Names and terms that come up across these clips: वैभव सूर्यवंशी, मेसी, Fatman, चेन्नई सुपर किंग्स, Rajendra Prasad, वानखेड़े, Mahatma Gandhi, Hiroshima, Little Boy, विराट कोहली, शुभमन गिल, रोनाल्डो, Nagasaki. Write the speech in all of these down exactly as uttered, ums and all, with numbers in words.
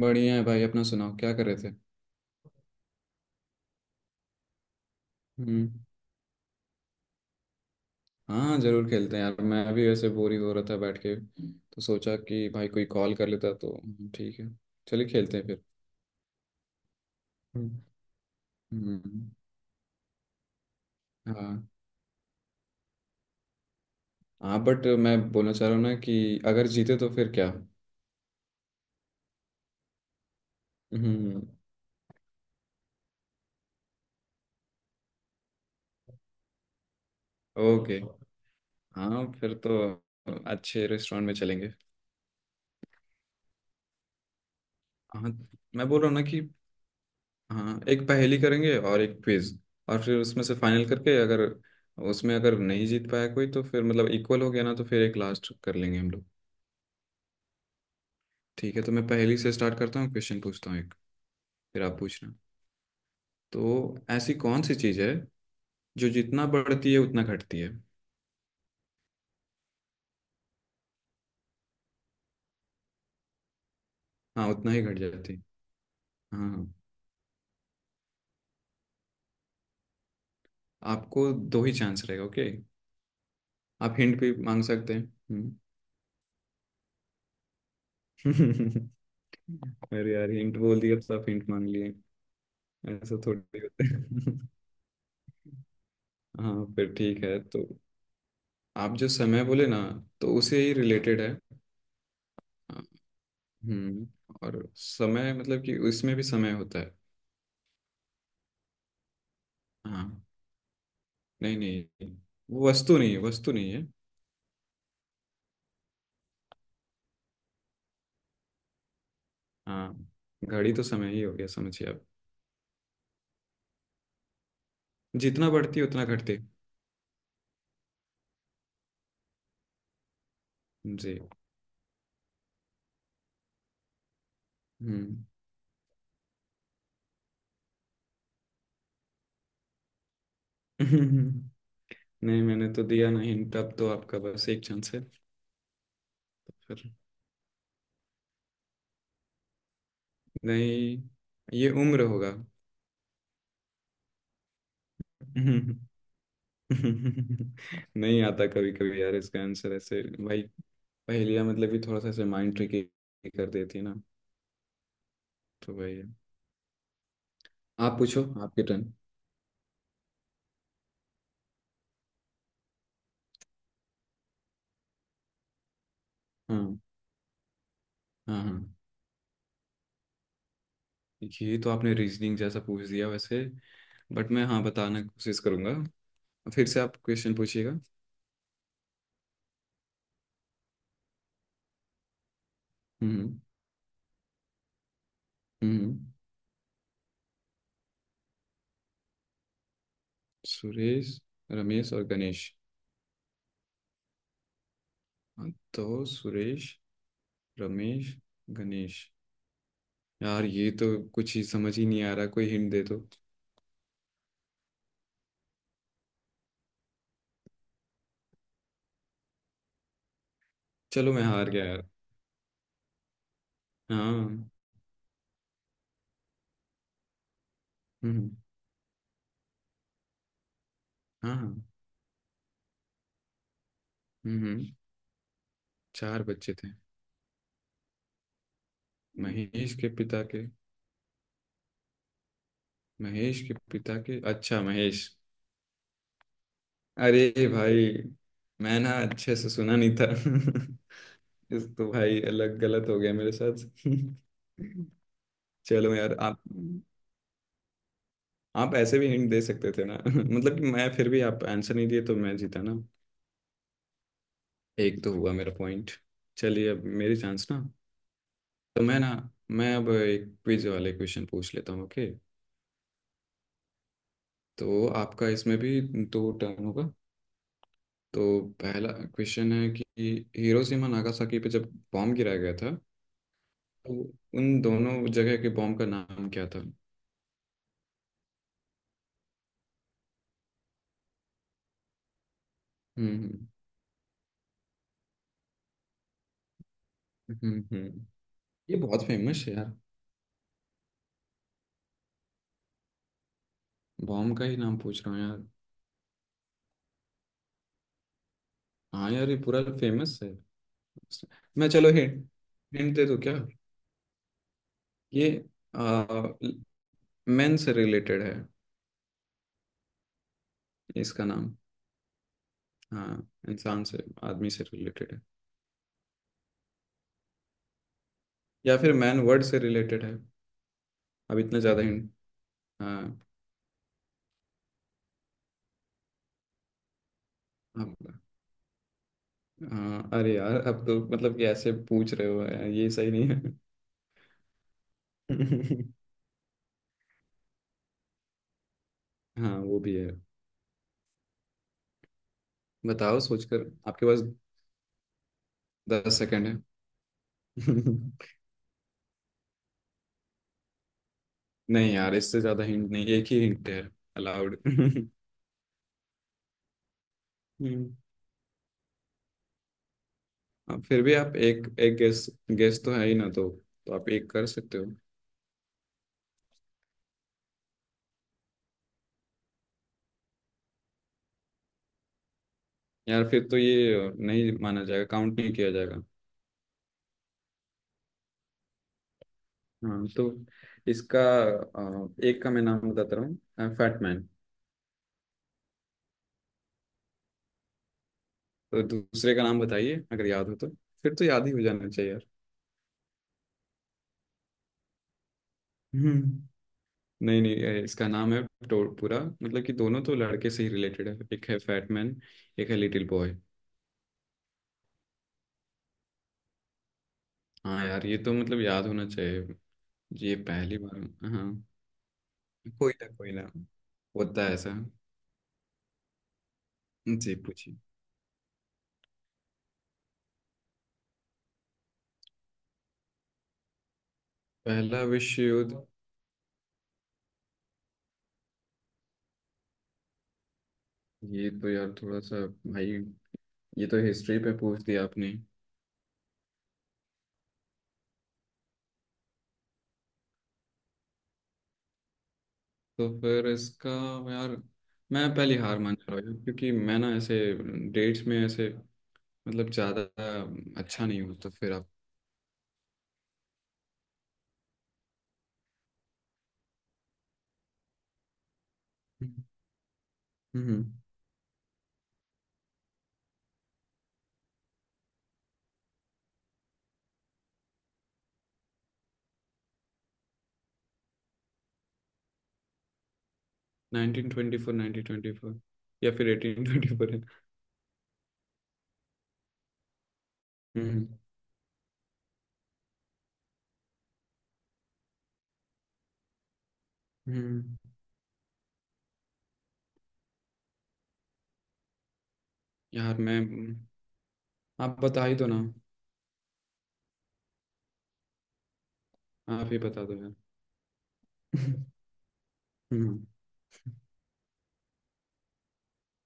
बढ़िया है भाई। अपना सुनाओ क्या कर रहे थे? हम्म। हाँ जरूर खेलते हैं यार। मैं भी वैसे बोर ही हो रहा था बैठ के तो सोचा कि भाई कोई कॉल कर लेता तो। ठीक है। चलिए खेलते हैं फिर। हम्म, हम्म, हाँ, हाँ, बट मैं बोलना चाह रहा हूँ ना कि अगर जीते तो फिर क्या? हम्म। ओके। हाँ, फिर तो अच्छे रेस्टोरेंट में चलेंगे। हाँ। मैं बोल रहा हूँ ना कि। हाँ, एक पहेली करेंगे और एक क्विज। और फिर उसमें से फाइनल करके अगर उसमें अगर नहीं जीत पाया कोई तो फिर मतलब इक्वल हो गया ना, तो फिर एक लास्ट कर लेंगे हम लोग। ठीक है, तो मैं पहेली से स्टार्ट करता हूँ, क्वेश्चन पूछता हूँ एक। फिर आप पूछना तो। ऐसी कौन सी चीज़ है जो जितना बढ़ती है उतना घटती है? हाँ, उतना ही घट जाती है। हाँ, हाँ। आपको दो ही चांस रहेगा, ओके? आप हिंट भी मांग सकते हैं। हम्म। अरे यार, हिंट बोल दिया तो आप हिंट मांग लिए। ऐसा थोड़ी होता है। हाँ, फिर ठीक है। तो आप जो समय बोले ना, तो उसे ही रिलेटेड है। हाँ। हम्म। और समय मतलब कि उसमें भी समय होता है। हाँ। नहीं, नहीं, वो वस्तु नहीं है, वस्तु नहीं है। हाँ। घड़ी तो समय ही हो गया, समझिए आप। जितना बढ़ती उतना घटती। जी। हम्म। नहीं, मैंने तो दिया ना हिंट। अब तो आपका बस एक चांस है तो फिर। नहीं, ये उम्र होगा। नहीं आता कभी कभी यार इसका आंसर ऐसे। भाई पहेलियाँ मतलब कि थोड़ा सा ऐसे माइंड ट्रिकी कर देती है ना। तो भाई। आप पूछो, आपके टर्न। हाँ, हाँ। हाँ, ये तो आपने रीजनिंग जैसा पूछ दिया वैसे। बट मैं, हाँ, बताने की कोशिश करूंगा। फिर से आप क्वेश्चन पूछिएगा। हम्म। हम्म। सुरेश, रमेश और गणेश। हाँ, तो सुरेश, रमेश, गणेश। यार, ये तो कुछ ही समझ ही नहीं आ रहा, कोई हिंट दे दो। चलो, मैं हार गया यार। हाँ। हम्म। हाँ, हाँ। हम्म। चार बच्चे थे। महेश के पिता के, महेश के पिता के, अच्छा, महेश। अरे भाई। मैं ना अच्छे से सुना नहीं था। इस तो भाई अलग गलत हो गया मेरे साथ। चलो यार आप। आप ऐसे भी हिंट दे सकते थे ना। मतलब कि मैं, फिर भी आप आंसर नहीं दिए तो मैं जीता ना? एक तो हुआ मेरा पॉइंट। चलिए अब मेरी चांस ना। तो मैं ना, मैं अब एक क्विज वाले क्वेश्चन पूछ लेता हूँ, ओके? तो आपका इसमें भी दो टर्न होगा। तो पहला क्वेश्चन है कि हिरोशिमा नागासाकी पे जब बॉम्ब गिराया गया था, तो उन दोनों जगह के बॉम्ब का नाम क्या था? हम्म, हम्म, हम्म, हम्म। ये बहुत फेमस है यार। बॉम्ब का ही नाम पूछ रहा हूँ यार। हाँ यार, ये पूरा फेमस है। मैं, चलो, हिंट। हिंट दे दूँ क्या? ये मेन से रिलेटेड है, इसका नाम। हाँ। इंसान से, आदमी से रिलेटेड है। या फिर मैन वर्ड से रिलेटेड है। अब इतना ज़्यादा हिंट। हाँ। आप। हाँ अरे यार, अब तो मतलब कि ऐसे पूछ रहे हो यार, ये सही नहीं है। हाँ, वो भी है। बताओ सोचकर, आपके पास दस सेकंड है। नहीं यार, इससे ज्यादा हिंट नहीं, एक ही हिंट है अलाउड। हम्म, अब फिर भी आप एक एक गेस, गेस तो है ही ना, तो तो आप एक कर सकते हो। यार, फिर तो ये नहीं माना जाएगा, काउंट नहीं किया जाएगा। हाँ, तो इसका अ, एक का मैं नाम बताता रहा हूँ, फैटमैन। तो दूसरे का नाम बताइए अगर याद हो तो। फिर तो याद ही हो जाना चाहिए यार। हम्म। नहीं, नहीं, ये इसका नाम है। टो- पूरा मतलब कि दोनों तो लड़के से ही रिलेटेड है, एक है फैटमैन। एक है लिटिल बॉय। हाँ यार, ये तो मतलब याद होना चाहिए। ये पहली बार। हाँ। कोई ना, कोई ना। होता है ऐसा। जी, पूछिए। पहला विश्व युद्ध। ये तो यार थोड़ा सा। भाई। ये तो हिस्ट्री पे पूछ दिया आपने। तो फिर इसका। यार, मैं पहली हार मान जा रहा हूँ क्योंकि मैं ना ऐसे डेट्स में ऐसे मतलब ज्यादा अम, अच्छा नहीं, हो तो फिर आप। हम्म। Nineteen twenty four, nineteen twenty four, या फिर एटीन ट्वेंटी फोर है। हम्म, हम्म, यार मैं। आप बता ही दो ना। आप ही बता दो यार। हम्म।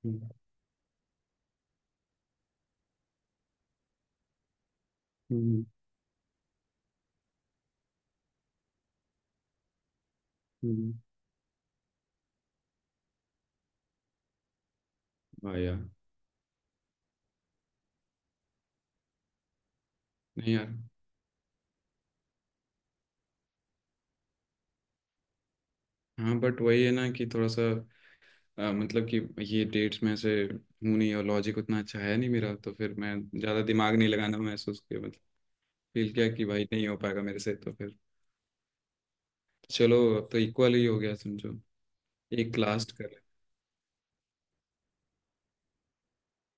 हम्म। हम्म, हम्म। वाह यार। नहीं यार। हाँ, बट वही है ना कि थोड़ा सा, अ, मतलब कि ये डेट्स में से हूँ नहीं, और लॉजिक उतना अच्छा है नहीं मेरा, तो फिर मैं ज़्यादा दिमाग नहीं लगाना महसूस किया, मतलब। फील किया कि भाई नहीं हो पाएगा मेरे से तो फिर। चलो, अब तो इक्वल ही हो गया समझो। एक लास्ट कर।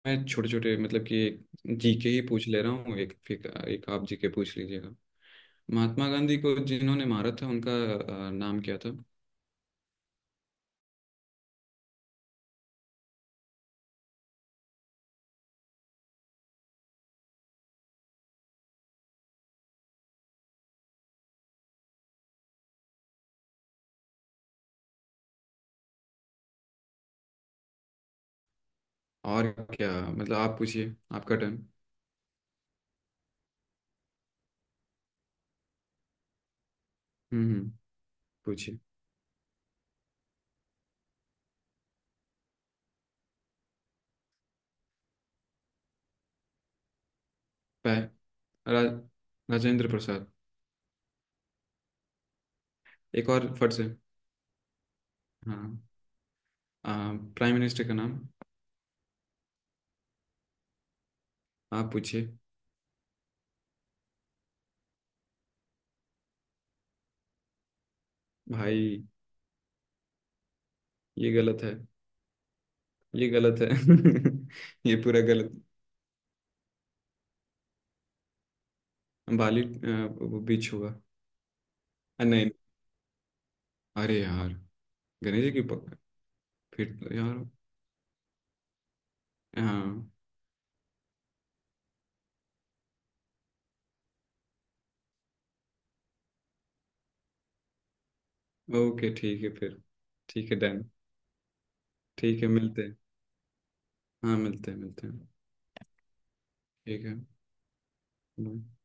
मैं छोटे छोटे मतलब कि एक जीके ही पूछ ले रहा हूँ एक, फिर एक आप जीके पूछ लीजिएगा। महात्मा गांधी को जिन्होंने मारा था उनका अ, नाम क्या था? और क्या मतलब, आप पूछिए, आपका टर्न। हम्म, हम्म, पूछिए। पै रा, राजेंद्र प्रसाद। एक और फट से। हाँ। आ, प्राइम मिनिस्टर का नाम? आप पूछिए। भाई। ये गलत है। ये गलत है। ये पूरा गलत। बाली अ, वो बीच होगा। अ, नहीं। अरे यार। गणेश जी की पक- फिर तो यार। हाँ। ओके, ठीक है फिर। ठीक है, डन। ठीक है, मिलते हैं। हाँ, मिलते हैं, मिलते हैं। ठीक है। bye.